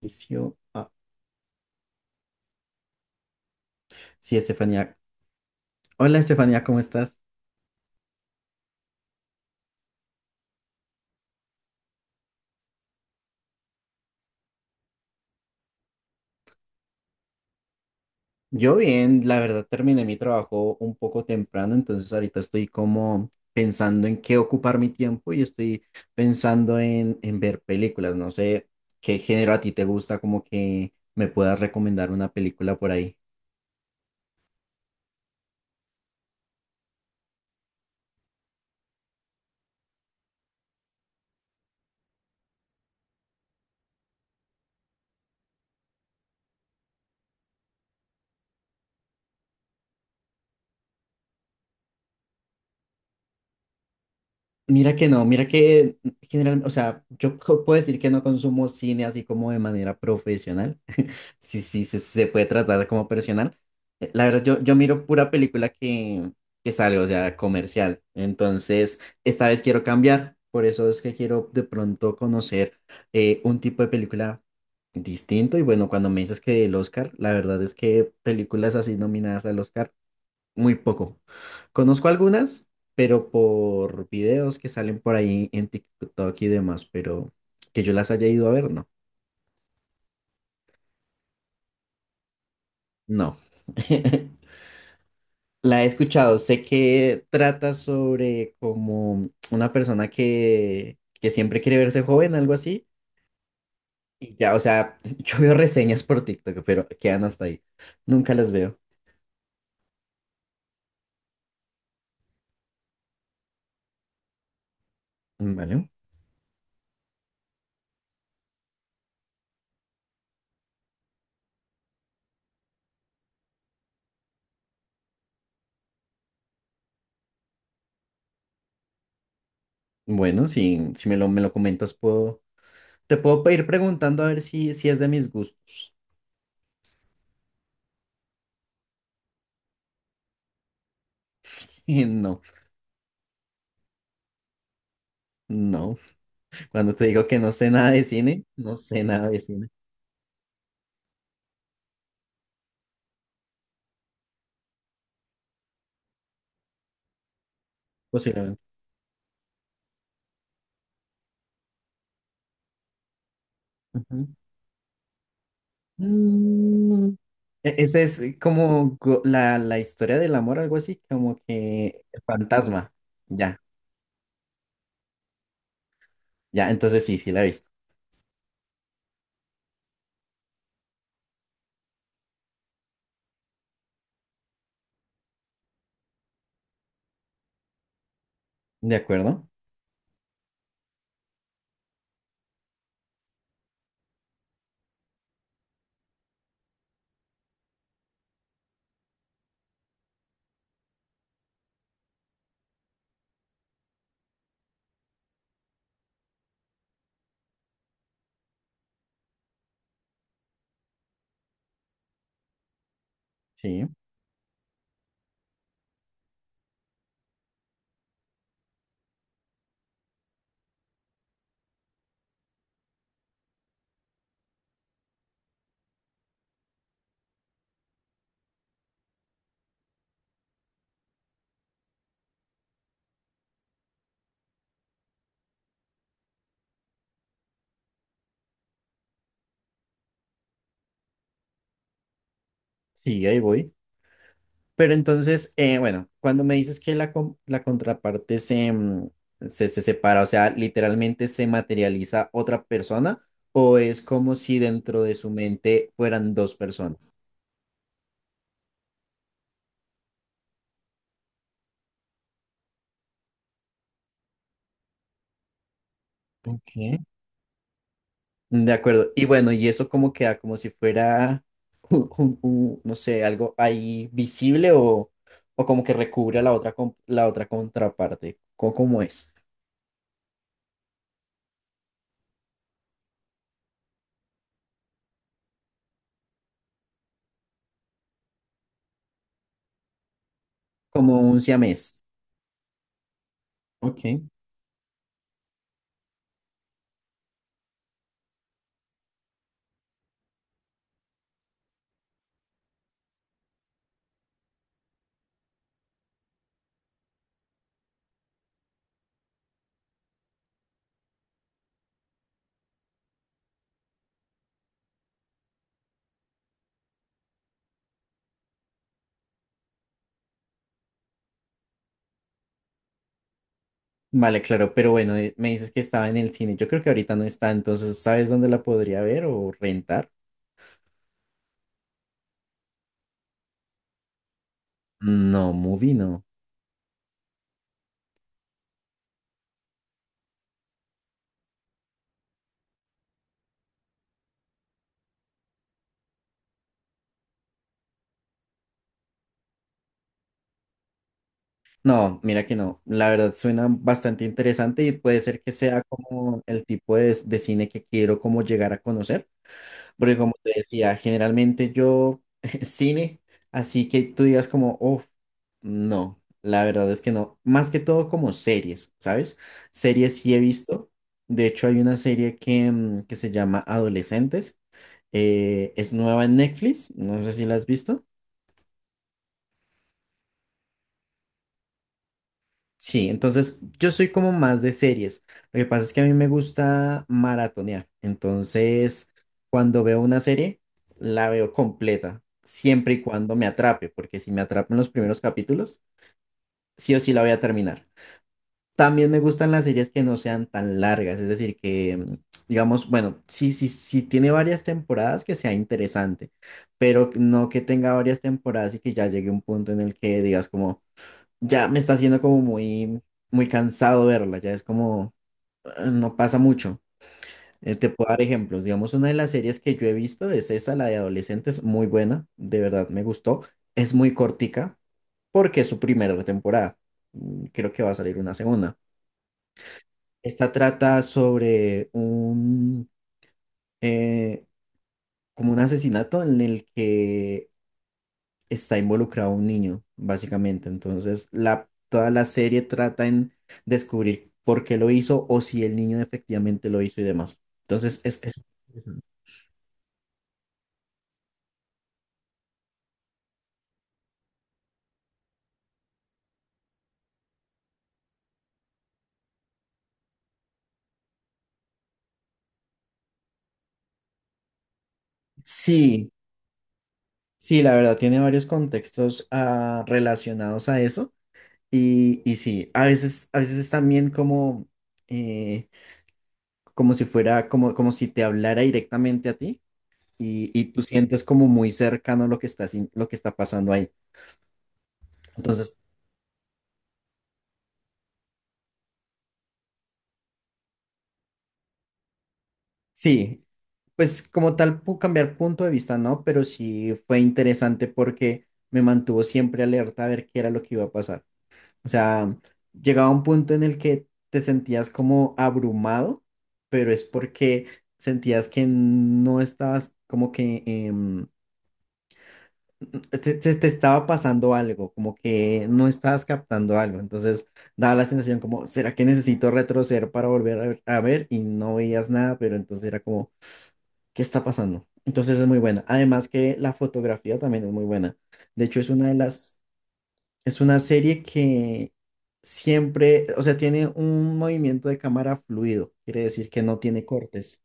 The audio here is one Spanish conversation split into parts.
Inicio. Sí, Estefanía. Hola, Estefanía, ¿cómo estás? Yo bien, la verdad terminé mi trabajo un poco temprano, entonces ahorita estoy como pensando en qué ocupar mi tiempo y estoy pensando en ver películas. No sé qué género a ti te gusta, como que me puedas recomendar una película por ahí. Mira que no, mira que generalmente, o sea, puedo decir que no consumo cine así como de manera profesional, sí, sí, se puede tratar como personal. La verdad, yo miro pura película que sale, o sea, comercial. Entonces, esta vez quiero cambiar, por eso es que quiero de pronto conocer un tipo de película distinto. Y bueno, cuando me dices que el Oscar, la verdad es que películas así nominadas al Oscar. Muy poco. Conozco algunas, pero por videos que salen por ahí en TikTok y demás, pero que yo las haya ido a ver, no. No. La he escuchado, sé que trata sobre como una persona que siempre quiere verse joven, algo así. Y ya, o sea, yo veo reseñas por TikTok, pero quedan hasta ahí. Nunca las veo. Vale. Bueno, si me lo, me lo comentas, puedo, te puedo ir preguntando a ver si, si es de mis gustos. No. No, cuando te digo que no sé nada de cine, no sé nada de cine, posiblemente. Ujú. Mm, Esa es como la historia del amor, algo así, como que el fantasma. Ya, ya, entonces sí, sí la he visto. ¿De acuerdo? Sí, sí, ahí voy. Pero entonces, bueno, cuando me dices que la contraparte se, se separa, o sea, literalmente se materializa otra persona, o es como si dentro de su mente fueran dos personas. Ok. De acuerdo. Y bueno, y eso como queda, como si fuera un, no sé, algo ahí visible o como que recubre a la otra, la otra contraparte. ¿Cómo, cómo es? Como un siamés. Ok. Vale, claro, pero bueno, me dices que estaba en el cine. Yo creo que ahorita no está, entonces ¿sabes dónde la podría ver o rentar? No, Movie no. No, mira que no. La verdad suena bastante interesante y puede ser que sea como el tipo de cine que quiero como llegar a conocer. Porque como te decía, generalmente yo cine, así que tú digas como, uff, no, la verdad es que no. Más que todo como series, ¿sabes? Series sí he visto. De hecho, hay una serie que se llama Adolescentes. Es nueva en Netflix, no sé si la has visto. Sí, entonces yo soy como más de series. Lo que pasa es que a mí me gusta maratonear. Entonces, cuando veo una serie, la veo completa, siempre y cuando me atrape, porque si me atrapan los primeros capítulos, sí o sí la voy a terminar. También me gustan las series que no sean tan largas, es decir, que digamos, bueno, sí tiene varias temporadas que sea interesante, pero no que tenga varias temporadas y que ya llegue un punto en el que digas como ya me está haciendo como muy cansado verla, ya es como, no pasa mucho. Te puedo dar ejemplos, digamos, una de las series que yo he visto es esa, la de adolescentes, muy buena, de verdad me gustó, es muy cortica porque es su primera temporada. Mm, creo que va a salir una segunda. Esta trata sobre eh, como un asesinato en el que está involucrado un niño, básicamente. Entonces, toda la serie trata en descubrir por qué lo hizo o si el niño efectivamente lo hizo y demás. Entonces, es interesante. Sí, sí, la verdad, tiene varios contextos relacionados a eso. Y sí, a veces es también como, eh, como si fuera, como, como si te hablara directamente a ti y tú sientes como muy cercano lo que está, sin- lo que está pasando ahí. Entonces, sí, pues como tal, puedo cambiar punto de vista, ¿no? Pero sí fue interesante porque me mantuvo siempre alerta a ver qué era lo que iba a pasar. O sea, llegaba un punto en el que te sentías como abrumado, pero es porque sentías que no estabas como que te estaba pasando algo, como que no estabas captando algo. Entonces daba la sensación como, ¿será que necesito retroceder para volver a ver? A ver?", y no veías nada, pero entonces era como qué está pasando. Entonces es muy buena. Además que la fotografía también es muy buena. De hecho, es una de es una serie que siempre, o sea, tiene un movimiento de cámara fluido. Quiere decir que no tiene cortes.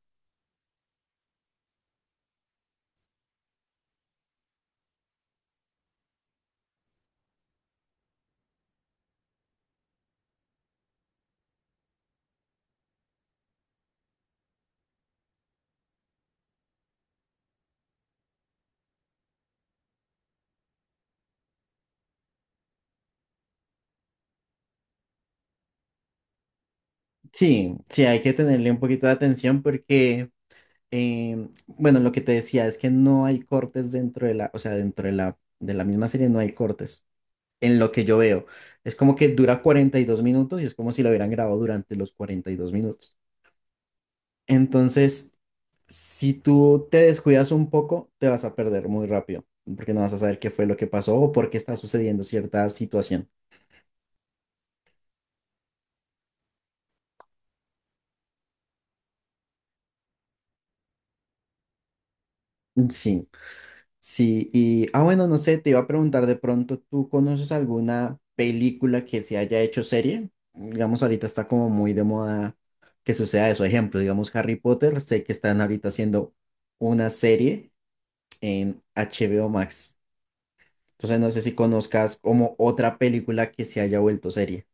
Sí, sí, hay que tenerle un poquito de atención porque, bueno, lo que te decía es que no hay cortes dentro de o sea, dentro de de la misma serie no hay cortes. En lo que yo veo, es como que dura 42 minutos y es como si lo hubieran grabado durante los 42 minutos. Entonces, si tú te descuidas un poco, te vas a perder muy rápido, porque no vas a saber qué fue lo que pasó o por qué está sucediendo cierta situación. Sí, sí. Y, bueno, no sé, te iba a preguntar de pronto, ¿tú conoces alguna película que se haya hecho serie? Digamos, ahorita está como muy de moda que suceda eso. Ejemplo, digamos, Harry Potter, sé que están ahorita haciendo una serie en HBO Max. Entonces, no sé si conozcas como otra película que se haya vuelto serie.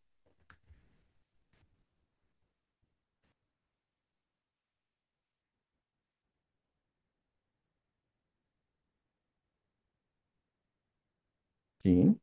Sí.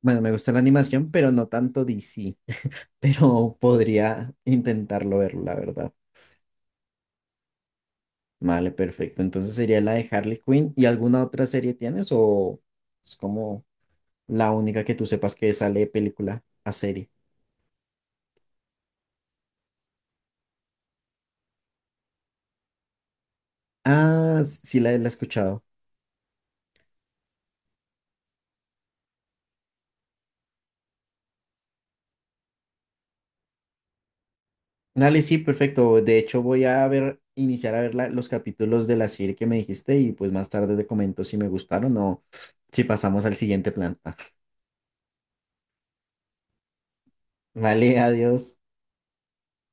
Bueno, me gusta la animación, pero no tanto DC. Pero podría intentarlo ver, la verdad. Vale, perfecto. Entonces sería la de Harley Quinn. ¿Y alguna otra serie tienes o es como la única que tú sepas que sale de película a serie? Ah, sí, la he escuchado. Dale, sí, perfecto. De hecho, voy a ver, iniciar a ver los capítulos de la serie que me dijiste y pues más tarde te comento si me gustaron o si pasamos al siguiente plan. Vale, adiós.